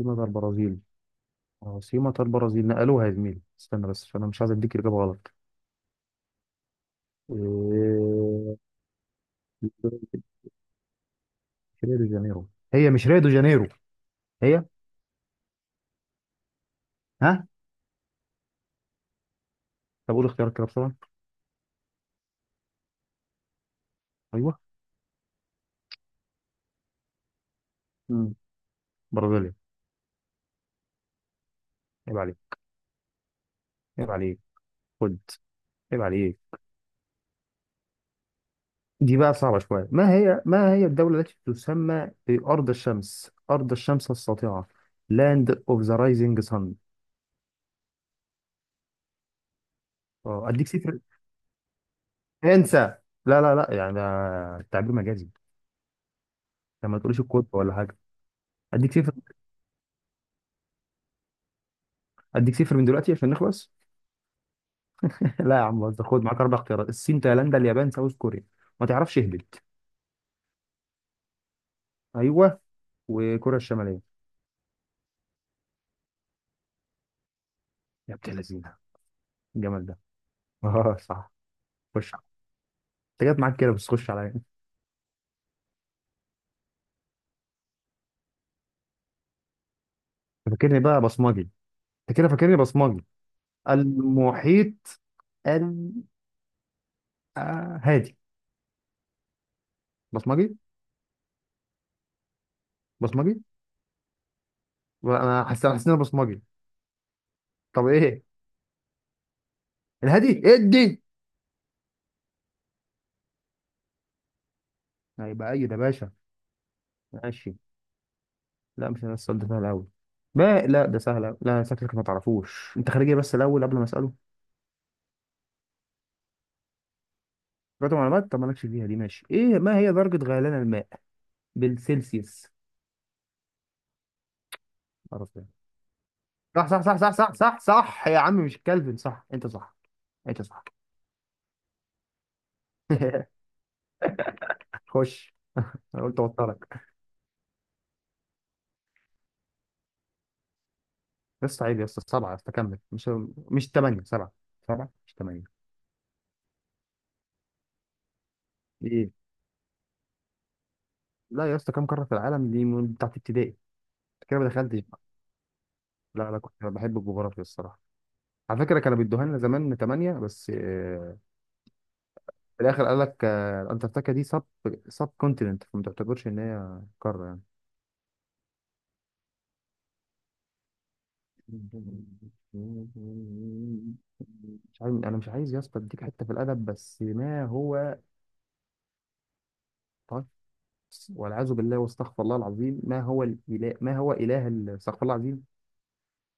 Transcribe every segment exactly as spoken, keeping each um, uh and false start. عاصمة البرازيل عاصمة البرازيل نقلوها يا زميلي، استنى بس عشان انا مش عايز اديك اجابة غلط. إيه، ريو دي جانيرو، هي مش جانيرو، هي. ها، طب قول اختيارات كده بسرعة. ايوه. مم. برازيليا. عيب عليك، عيب عليك، خد، عيب عليك. دي بقى صعبة شوية. ما هي ما هي الدولة التي تسمى بأرض الشمس، أرض الشمس الساطعة؟ Land of the Rising Sun. اه، اديك صفر، انسى. لا لا لا، يعني ده التعبير مجازي، لما تقوليش الكود ولا حاجة. اديك صفر، اديك صفر من دلوقتي عشان نخلص. لا يا عم بهزر، خد معاك اربع اختيارات: الصين، تايلاندا، اليابان، ساوث كوريا. ما تعرفش اهبط. ايوه، وكوريا الشماليه. يا بنت اللذينه، الجمال ده. اه، صح. خش، انت جت معاك كده بس خش عليا انت. فاكرني بقى بصمجي، انت كده فاكرني بصمجي. المحيط ال آه، هادي. بصمجي، بصمجي. انا حاسس حاسس ان انا بصمجي. طب ايه، الهادي ادي. هيبقى ايوه يا باشا. ماشي. لا مش ده السؤال، ده سهل أوي، ما لا ده سهل أوي، لا شكلك ما تعرفوش. أنت خارجية بس الأول قبل ما أسأله. قرأت معلومات، طب مالكش فيها دي. ماشي إيه، ما هي درجة غليان الماء بالسيلسيوس؟ عرفت يعني. صح صح صح صح صح صح صح يا عم، مش كلفن، صح أنت، صح أنت، صح. خش. أنا قلت أوترك. بس عيب يا اسطى، سبعة يا اسطى، كمل. مش مش ثمانية، سبعة. سبعة مش ثمانية. إيه؟ لا يا اسطى، كم قارة في العالم دي من بتاعت ابتدائي. أنت كده ما دخلتش بقى. لا لا، كنت بحب الجغرافيا الصراحة. على فكرة كانوا بيدوها لنا زمان ثمانية بس، آه، في الاخر قال لك آه، انتاركتيكا دي سب سب كونتيننت، فما تعتبرش ان هي قاره يعني. مش عايز، انا مش عايز يا اسطى اديك حته في الادب بس ما هو. طيب، والعياذ بالله واستغفر الله العظيم. ما هو الاله، ما هو اله ال- استغفر الله العظيم.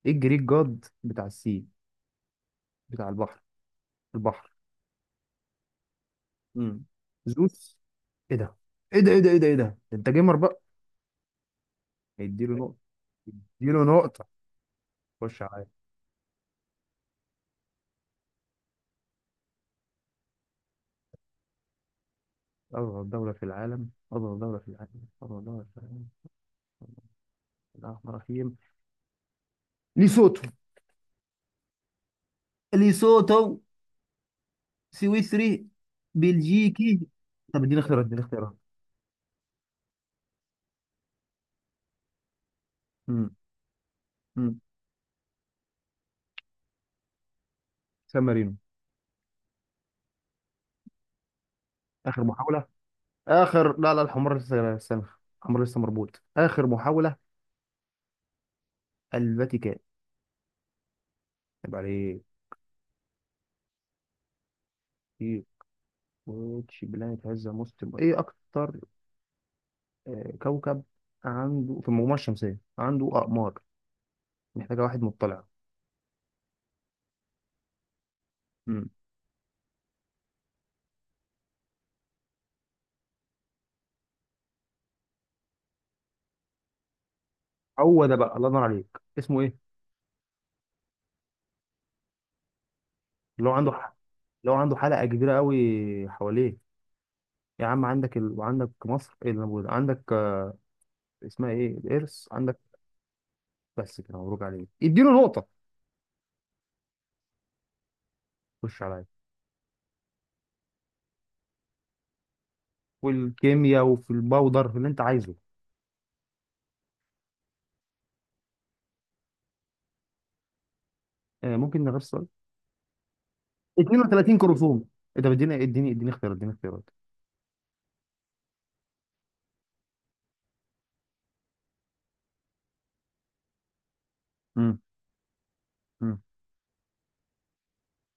ايه الجريك جاد بتاع السي، بتاع البحر؟ البحر. امم زوس. ايه ده، ايه ده ايه ده ايه ده ايه ده، ده انت جيمر بقى. اديله نقطه، اديله نقطه. خش عليا. أصغر دولة في العالم، أصغر دولة في العالم، أصغر دولة في العالم. الأحمر فيهم. ليسوتو. ليسوتو. سويسري. بلجيكي. طب اديني اختيارات، اديني اختيارات. امم امم سان مارينو. آخر محاولة، آخر، لا لا، الحمار لسه، استنى، الحمار لسه مربوط. آخر محاولة. الفاتيكان. طب عليه. في، واتش بلانيت هاز ذا موست، إيه أكتر آه، كوكب عنده في المجموعة الشمسية عنده أقمار؟ محتاجة واحد مطلع. امم هو ده بقى، الله ينور عليك، اسمه إيه؟ لو عنده ح- لو عنده حلقة كبيرة قوي حواليه. يا عم عندك ال... وعندك مصر، ايه اللي موجود عندك، آه، اسمها ايه الارث عندك؟ بس كده، مبروك عليك، اديله نقطة. خش عليا. والكيمياء وفي الباودر، في اللي انت عايزه. آه ممكن نغير السؤال. اثنين وثلاثين كروموسوم. ايه ده، اديني اديني اديني اختيارات، اديني اختيارات امم امم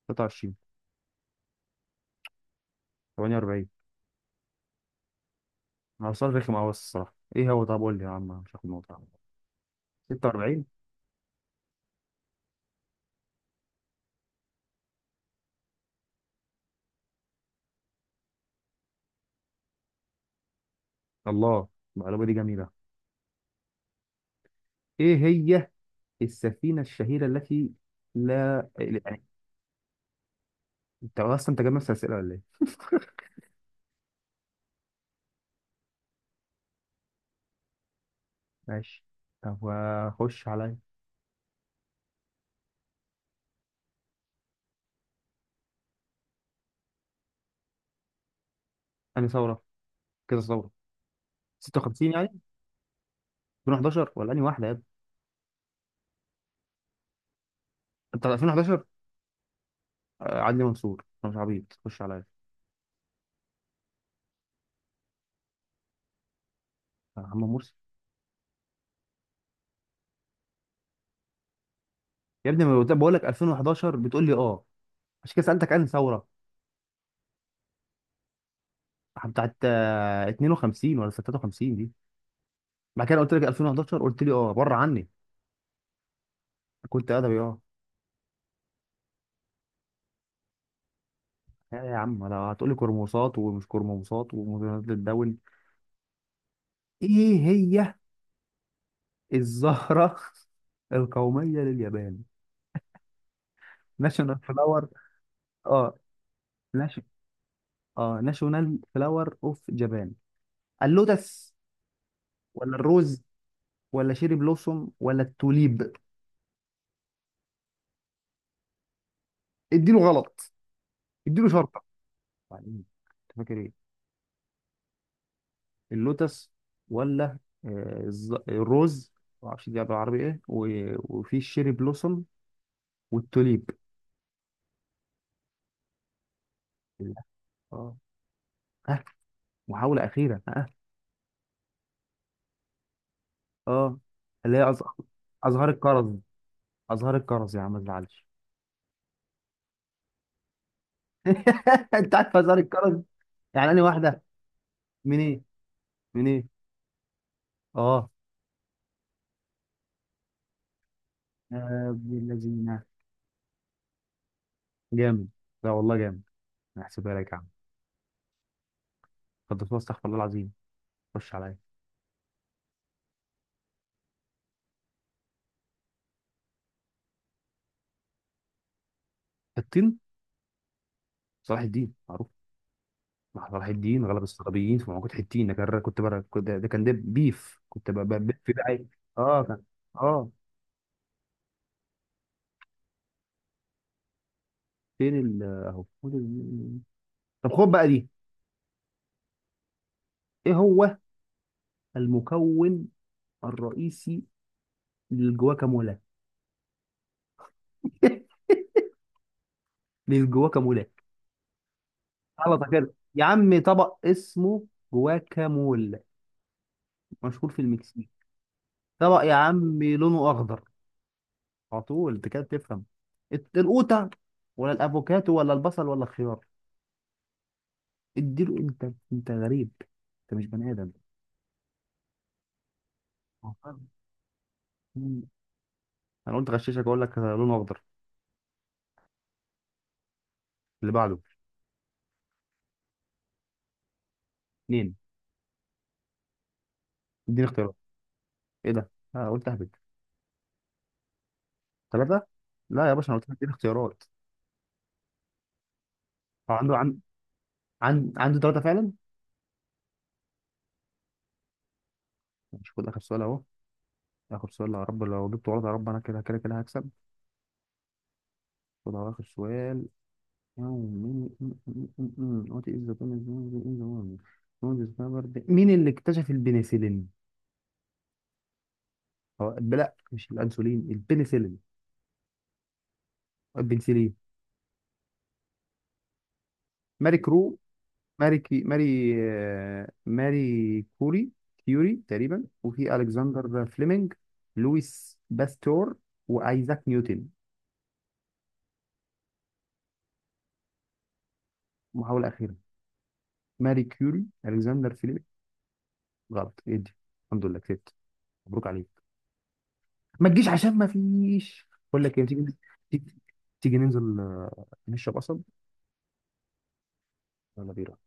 ثلاثة وعشرين. ثمانية وأربعين. هو سؤال رخم قوي بس الصراحة، ايه هو، طب قول لي يا عم، مش هاخد نقطة يا عم. ستة وأربعين. الله، المعلومة دي جميلة. ايه هي السفينة الشهيرة التي، لا، انت اصلا انت جايب نفس الاسئله ولا ايه؟ ماشي، طب وخش عليا. انهي ثوره؟ كده ثوره، ستة وخمسين يعني، ألفين وحداشر ولا انهي واحده يا ابني؟ انت ألفين وحداشر. آه، عدلي منصور، انا مش عبيط. خش عليا. آه، محمد مرسي. يا ابني ما أنا بقول لك ألفين وحداشر، بتقول لي اه. عشان كده سالتك انهي ثوره، بتاعت آه، اثنين وخمسين ولا ثلاثة وخمسين دي، بعد كده قلت لك ألفين وحداشر قلت لي اه، بره عني. كنت ادبي اه. يا يا عم لو هتقول لي كرموسات ومش كرموسات ومثيرات للدول. ايه هي الزهرة القومية لليابان؟ ناشونال فلاور. اه، ناش... اه ناشونال فلاور اوف جابان. اللوتس ولا الروز ولا شيري بلوسوم ولا التوليب؟ اديله غلط، اديله شرطة. وبعدين انت فاكر ايه؟ اللوتس ولا آه الز... الروز، معرفش دي بالعربي ايه، و... وفي الشيري بلوسوم والتوليب. لا. اه. ها، محاولة أخيرة. ها، اه، اللي هي أز- أزهار الكرز، أزهار الكرز يا عم ما تزعلش. انت عارف هزار الكرز، يعني انا واحده من ايه، من ايه، اه. يا ابن اللذينه، جامد، لا والله جامد، انا هحسبها لك يا عم. قدس، استغفر الله العظيم. خش عليا. الطين. صلاح الدين معروف. مع صلاح الدين، غلب الصليبيين في معركه حطين. ده كان، كنت بقى كنت- ده كان، ده بيف، كنت بقى، بقى- بقى- في بقى إيه؟ اه كان، اه. فين ال، اهو فين ال- طب خد بقى دي. ايه هو المكون الرئيسي للجواكامولا؟ للجواكامولا. سلطه كده يا عم، طبق اسمه جواكامول، مشهور في المكسيك. طبق يا عم لونه اخضر. على طول، انت كده بتفهم. الت- القوطه ولا الافوكاتو ولا البصل ولا الخيار؟ اديله، انت انت غريب، انت مش بني ادم. مم. انا قلت غششك اقول لك لونه اخضر. اللي بعده. اتنين. اديني اختيارات، ايه ده، انا قلت اهبد. ثلاثه. لا يا باشا، انا قلت لك اديني اختيارات. هو عنده، عن... عن... عنده ثلاثه فعلا. مش، خد اخر سؤال اهو. اخر سؤال، يا رب لو جبته غلط، يا رب، انا كده كده كده هكسب. خد على آخر سؤال. What is the penicillin? What is the- مين اللي اكتشف البنسلين؟ هو لا، مش الأنسولين، البنسلين. البنسلين. ماري كرو ماري كي ماري آه، ماري كوري، كيوري تقريبا، وفي ألكسندر فليمنج، لويس باستور، وأيزاك نيوتن. محاولة أخيرة. ماري كيوري، ألكسندر فليمنج. غلط، ادي. الحمد لله كسبت، مبروك عليك. ما تجيش عشان ما فيش، بقول لك ايه، تيجي، تيجي، تيجي ننزل آه، نشرب قصب ولا بير.